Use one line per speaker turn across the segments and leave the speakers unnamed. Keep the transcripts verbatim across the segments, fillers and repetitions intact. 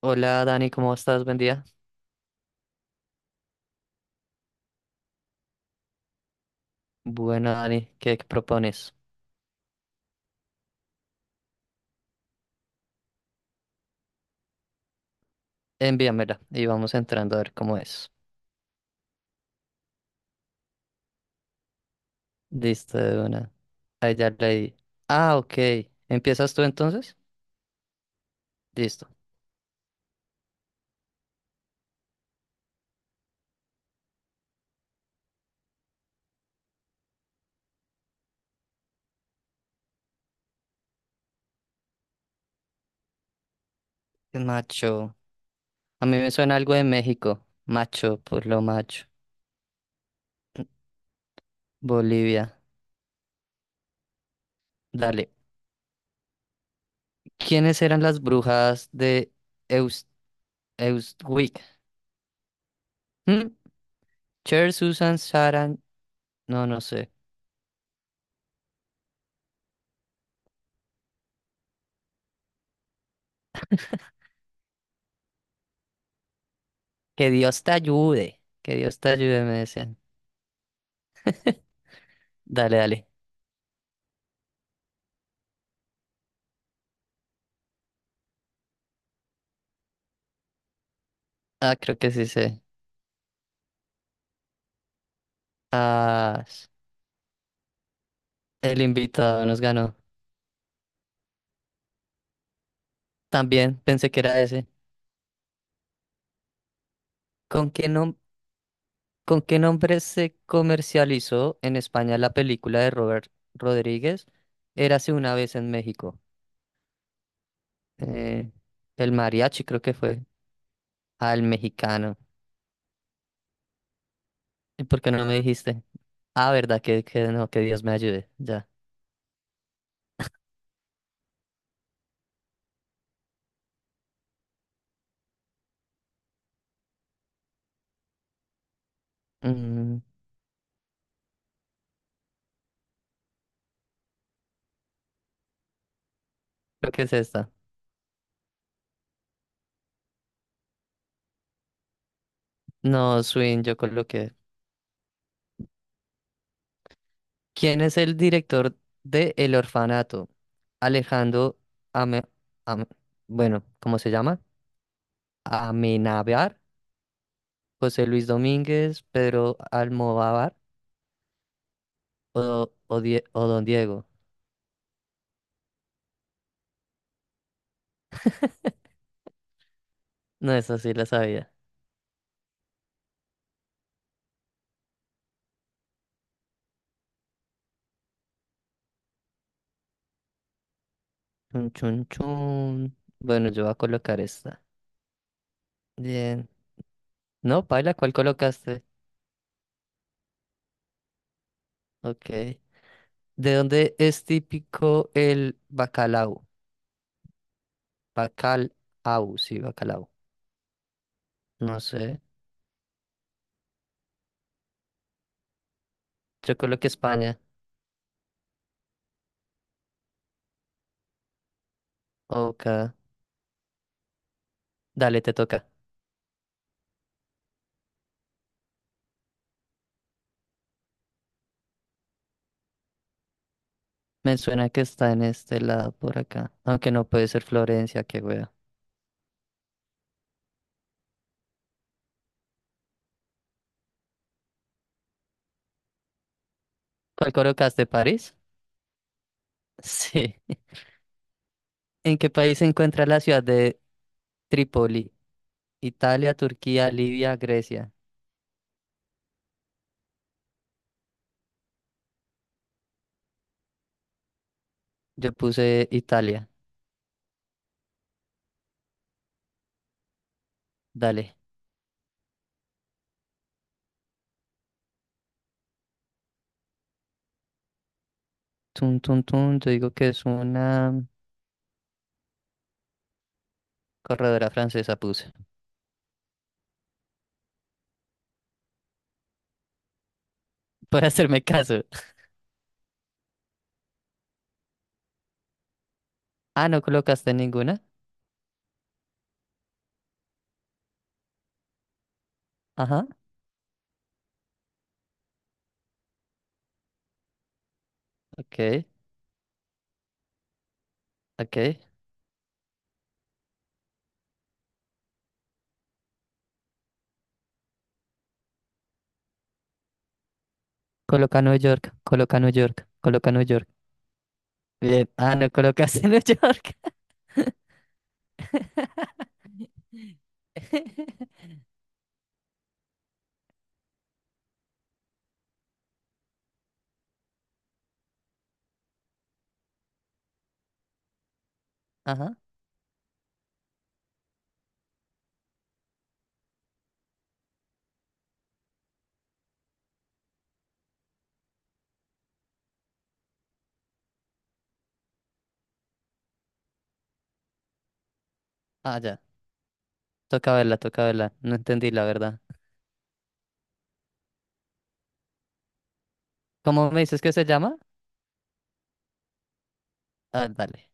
Hola Dani, ¿cómo estás? Buen día. Bueno, Dani, ¿qué propones? Envíamela y vamos entrando a ver cómo es. Listo, de una. Ahí ya leí. Ah, ok. ¿Empiezas tú entonces? Listo. Macho. A mí me suena algo de México. Macho, por lo macho. Bolivia. Dale. ¿Quiénes eran las brujas de Eus Eustwick? ¿Mm? Cher, Susan, Saran. No, no sé. Que Dios te ayude. Que Dios te ayude, me decían. Dale, dale. Ah, creo que sí sé. Ah, s- el invitado nos ganó. También pensé que era ese. ¿Con qué nom- ¿Con qué nombre se comercializó en España la película de Robert Rodríguez? Érase una vez en México. Eh, el mariachi creo que fue. Ah, el mexicano. ¿Y por qué no me dijiste? Ah, verdad, que, que no, que Dios me ayude. Ya. Mm, Creo que es esta. No, Swing, yo coloqué. ¿Quién es el director de El Orfanato? Alejandro Ame- Ame- bueno, ¿cómo se llama? Amenábar, José Luis Domínguez, Pedro Almodóvar o, o Die- o Don Diego. No, esa sí la sabía. Chun, chun, chun. Bueno, yo voy a colocar esta. Bien. No, Paila, ¿cuál colocaste? Ok. ¿De dónde es típico el bacalao? Bacalao, sí, bacalao. No sé. Yo coloqué España. Ok. Dale, te toca. Me suena que está en este lado por acá. Aunque no puede ser Florencia, qué wea. ¿Cuál colocaste? ¿París? Sí. ¿En qué país se encuentra la ciudad de Trípoli? Italia, Turquía, Libia, Grecia. Yo puse Italia. Dale. Tun, tun, tun. Yo digo que es una corredora francesa, puse. Por hacerme caso. Ah, no colocaste ninguna. Ajá. Ok, ok. Coloca New York, coloca New York, coloca New York. Bien. Ah, no colocaste New York. Ajá. Ah, ya. Toca verla, toca verla. No entendí la verdad. ¿Cómo me dices que se llama? Ah, dale.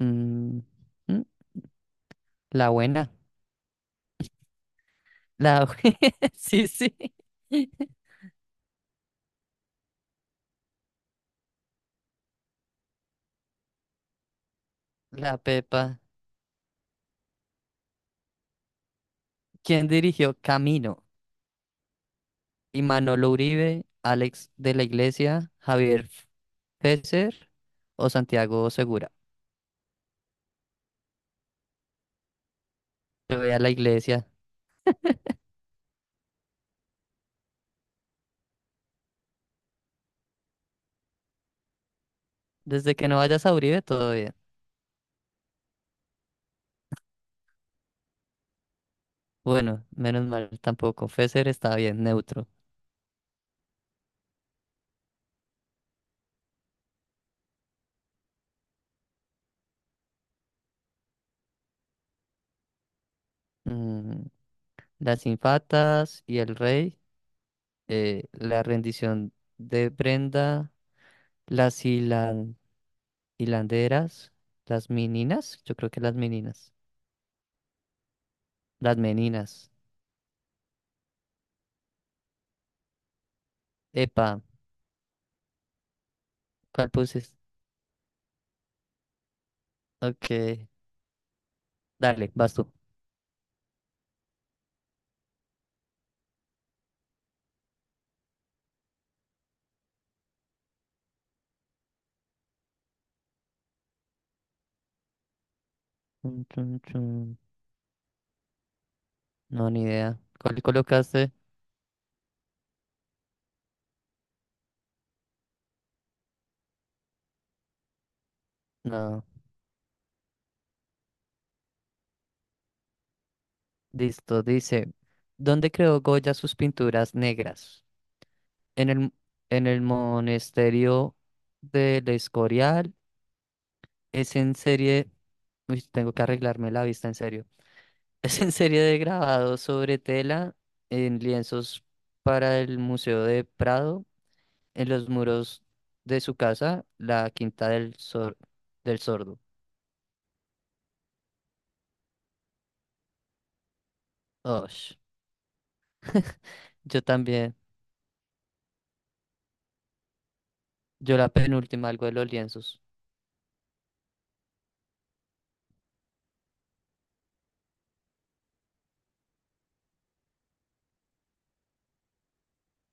Mm, mm, la buena. La bue- Sí, sí. La Pepa. ¿Quién dirigió Camino? Y Manolo Uribe, Alex de la Iglesia, Javier Fesser o Santiago Segura. Yo voy a la iglesia. Desde que no vayas a Uribe, todo bien. Bueno, menos mal tampoco. Fesser está bien, neutro. Mm, las infatas y el rey. Eh, la rendición de Brenda, las hilan- hilanderas, las meninas, yo creo que las meninas, las meninas. Epa, ¿cuál puse? Ok, dale, vas tú. Chun, chun, chun. No, ni idea. ¿Cuál colocaste? No, listo, dice, ¿dónde creó Goya sus pinturas negras? En el, en el monasterio del Escorial, es en serie... Uy, tengo que arreglarme la vista, en serio. Es en serie de grabado sobre tela en lienzos para el Museo de Prado, en los muros de su casa, la Quinta del, Sor- del Sordo. Osh, yo también. Yo la penúltima, algo de los lienzos.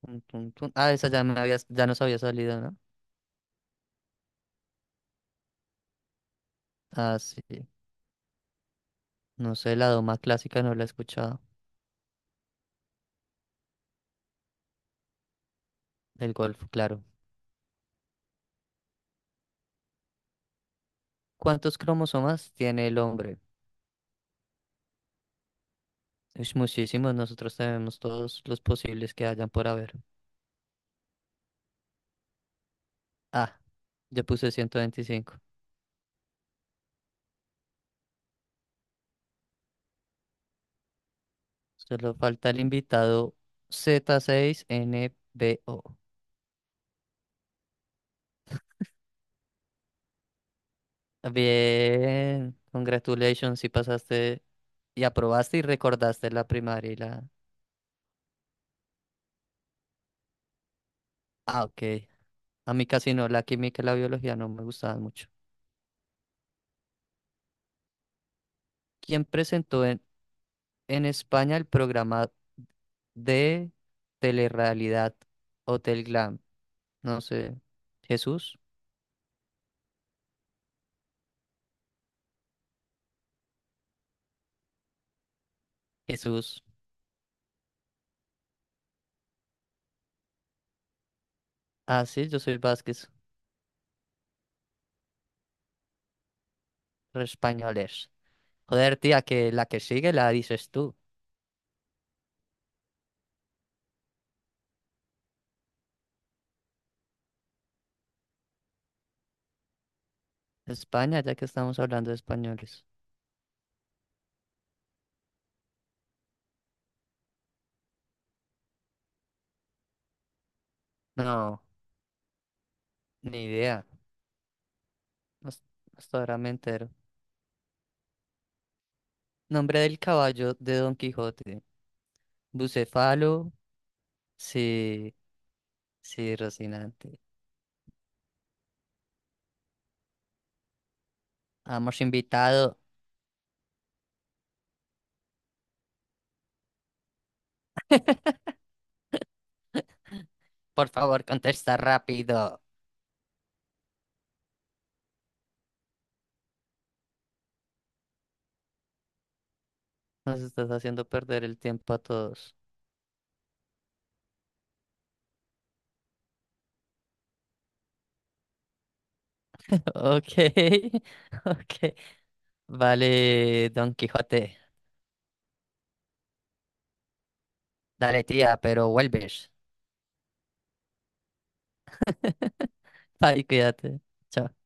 Tun, tun, tun. Ah, esa ya, me había, ya nos había salido, ¿no? Ah, sí. No sé, la doma clásica no la he escuchado. El golf, claro. ¿Cuántos cromosomas tiene el hombre? Es muchísimos, nosotros tenemos todos los posibles que hayan por haber. Ah, ya puse ciento veinticinco. Solo falta el invitado z seis N B O. Bien, congratulations, si pasaste y aprobaste y recordaste la primaria y la... Ah, ok. A mí casi no, la química y la biología no me gustaban mucho. ¿Quién presentó en, en España el programa de telerrealidad Hotel Glam? No sé. ¿Jesús? Jesús. Ah, sí, yo soy Vázquez. Re españoles. Joder, tía, que la que sigue la dices tú. España, ya que estamos hablando de españoles. No, ni idea. Hasta hasta ahora me entero. Nombre del caballo de Don Quijote. Bucefalo. Sí, sí, Rocinante. Hemos invitado. Por favor, contesta rápido. Nos estás haciendo perder el tiempo a todos. Ok, ok. Vale, Don Quijote. Dale, tía, pero vuelves. Bye, cuídate. Chao.